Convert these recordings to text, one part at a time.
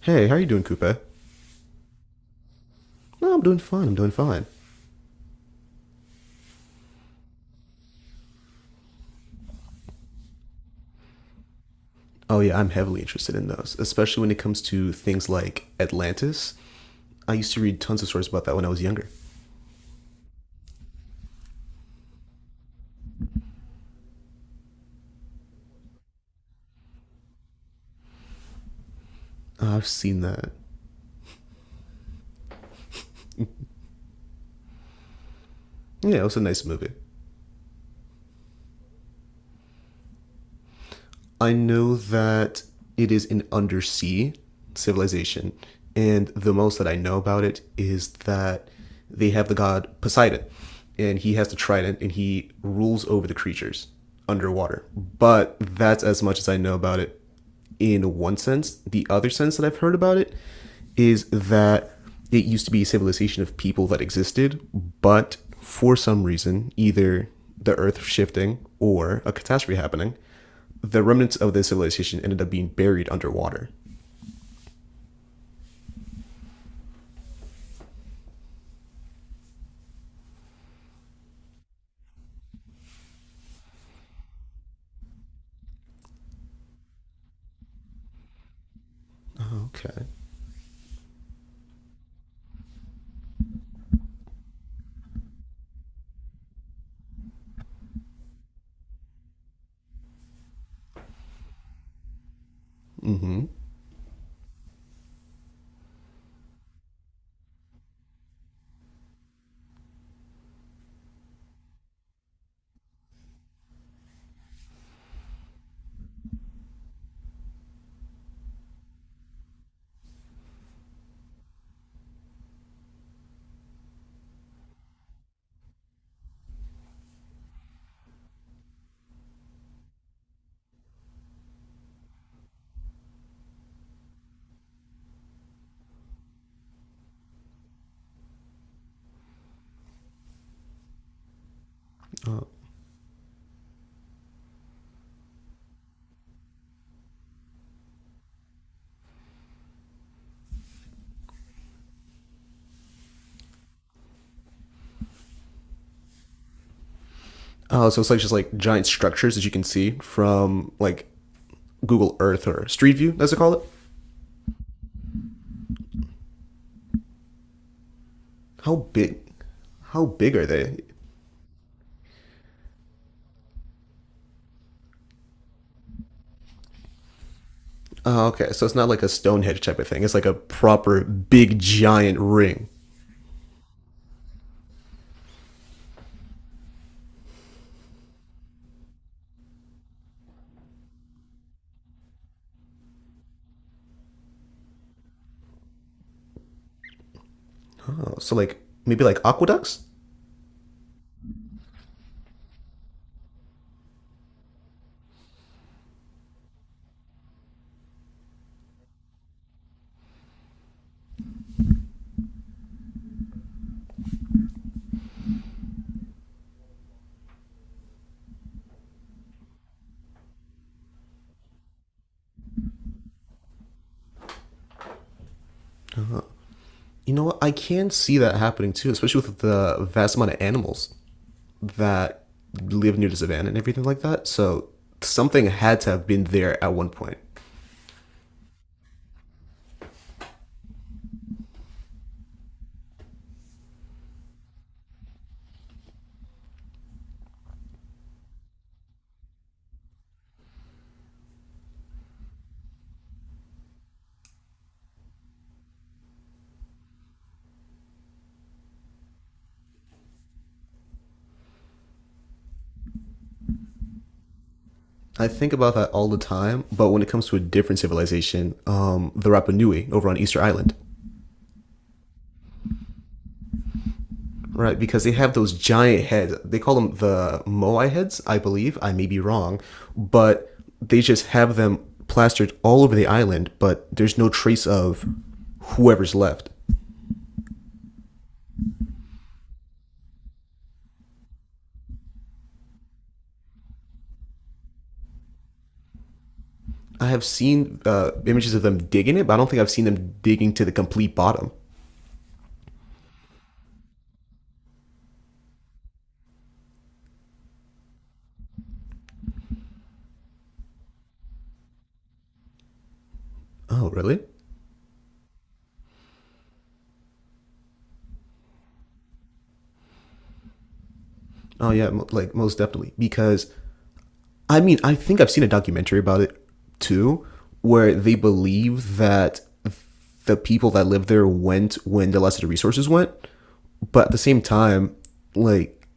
Hey, how are you doing, Coupe? No, I'm doing fine. I'm doing fine. Oh yeah, I'm heavily interested in those, especially when it comes to things like Atlantis. I used to read tons of stories about that when I was younger. I've seen that. Yeah, it was a nice movie. I know that it is an undersea civilization, and the most that I know about it is that they have the god Poseidon, and he has the trident, and he rules over the creatures underwater. But that's as much as I know about it. In one sense, the other sense that I've heard about it is that it used to be a civilization of people that existed, but for some reason, either the earth shifting or a catastrophe happening, the remnants of this civilization ended up being buried underwater. Okay. Oh, so it's like just like giant structures that you can see from like Google Earth or Street View, as they call it. How big? How big are they? Oh, okay. So it's not like a Stonehenge type of thing. It's like a proper big giant ring. Oh, so like maybe like aqueducts? You know what? I can see that happening too, especially with the vast amount of animals that live near the savannah and everything like that. So something had to have been there at one point. I think about that all the time, but when it comes to a different civilization, the Rapa Nui over on Easter Island, right? Because they have those giant heads. They call them the Moai heads, I believe. I may be wrong, but they just have them plastered all over the island, but there's no trace of whoever's left. I have seen images of them digging it, but I don't think I've seen them digging to the complete bottom. Oh, really? Oh yeah, like most definitely, because I mean I think I've seen a documentary about it too, where they believe that the people that lived there went when the less resources went, but at the same time, like,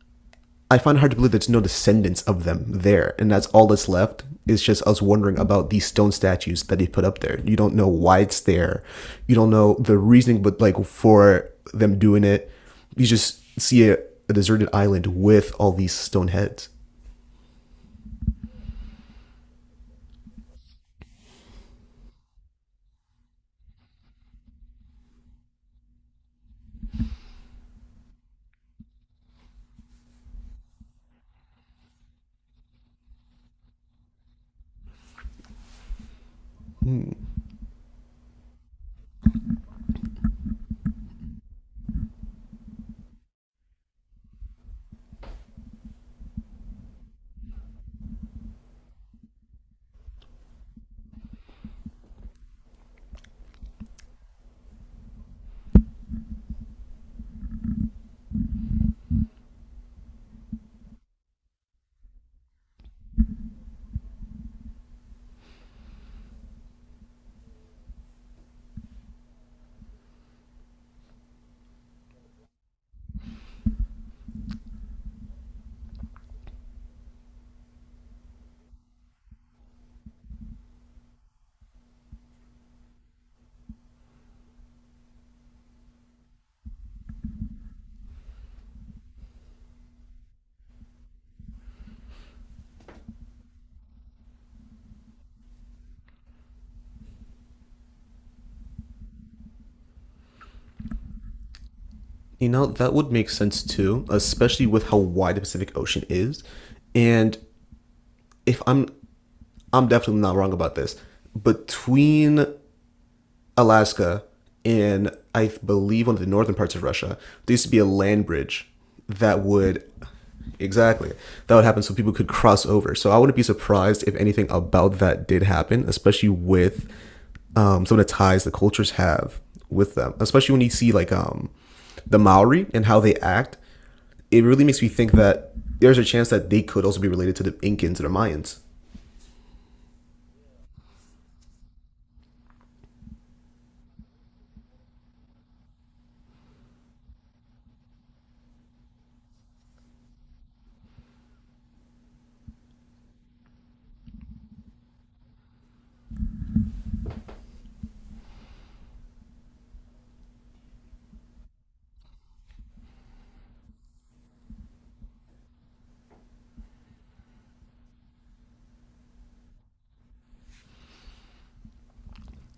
I find it hard to believe there's no descendants of them there, and that's all that's left is just us wondering about these stone statues that they put up there. You don't know why it's there, you don't know the reasoning, but like for them doing it, you just see a deserted island with all these stone heads. You know that would make sense too, especially with how wide the Pacific Ocean is, and if I'm I'm definitely not wrong about this. Between Alaska and I believe one of the northern parts of Russia, there used to be a land bridge that would, exactly, that would happen so people could cross over. So I wouldn't be surprised if anything about that did happen, especially with some of the ties the cultures have with them, especially when you see like, the Maori and how they act. It really makes me think that there's a chance that they could also be related to the Incans and the Mayans.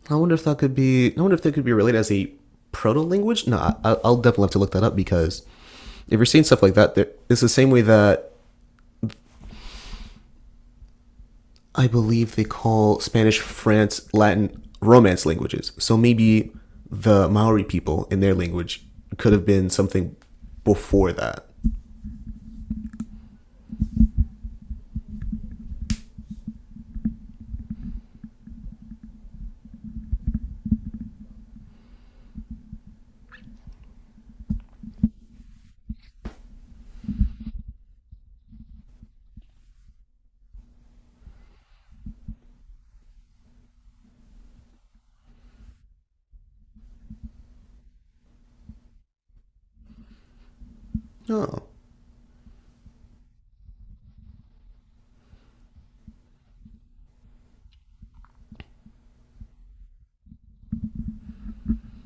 I wonder if that could be. I wonder if that could be related as a proto language. No, I'll definitely have to look that up, because if you're seeing stuff like that, it's the same way that I believe they call Spanish, France, Latin Romance languages. So maybe the Maori people in their language could have been something before that. No,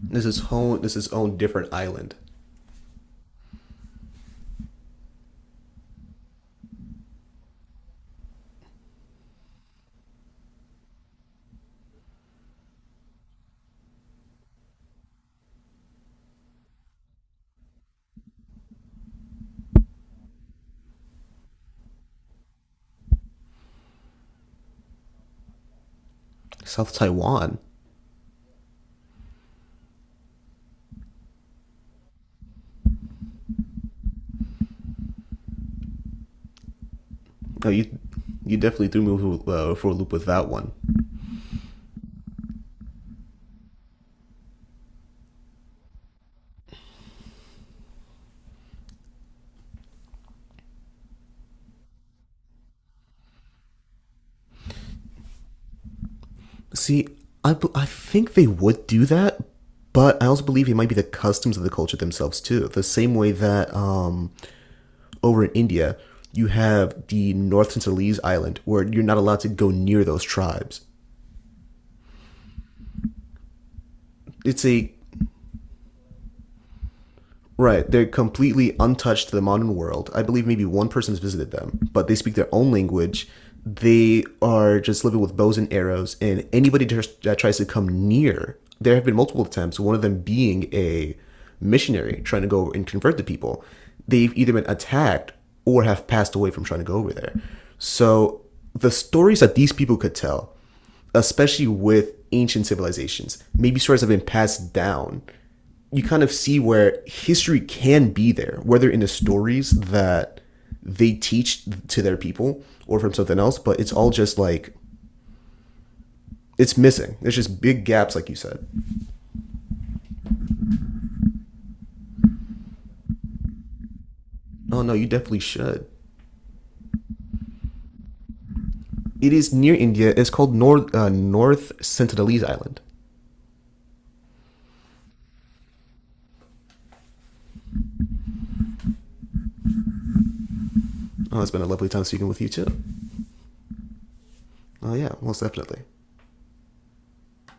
this is home. This is own different island. South Taiwan. No, you definitely threw me for a loop with that one. See, I think they would do that, but I also believe it might be the customs of the culture themselves too. The same way that, over in India, you have the North Sinhalese Island, where you're not allowed to go near those tribes. It's a, right, they're completely untouched to the modern world. I believe maybe one person has visited them, but they speak their own language. They are just living with bows and arrows, and anybody that tries to come near, there have been multiple attempts, one of them being a missionary trying to go and convert the people. They've either been attacked or have passed away from trying to go over there. So the stories that these people could tell, especially with ancient civilizations. Maybe stories have been passed down. You kind of see where history can be there, whether in the stories that they teach to their people or from something else, but it's all just like, it's missing. There's just big gaps, like you said. Oh no, you definitely should. It is near India. It's called North North Sentinelese Island. Oh, it's been a lovely time speaking with you too. Oh yeah, most definitely.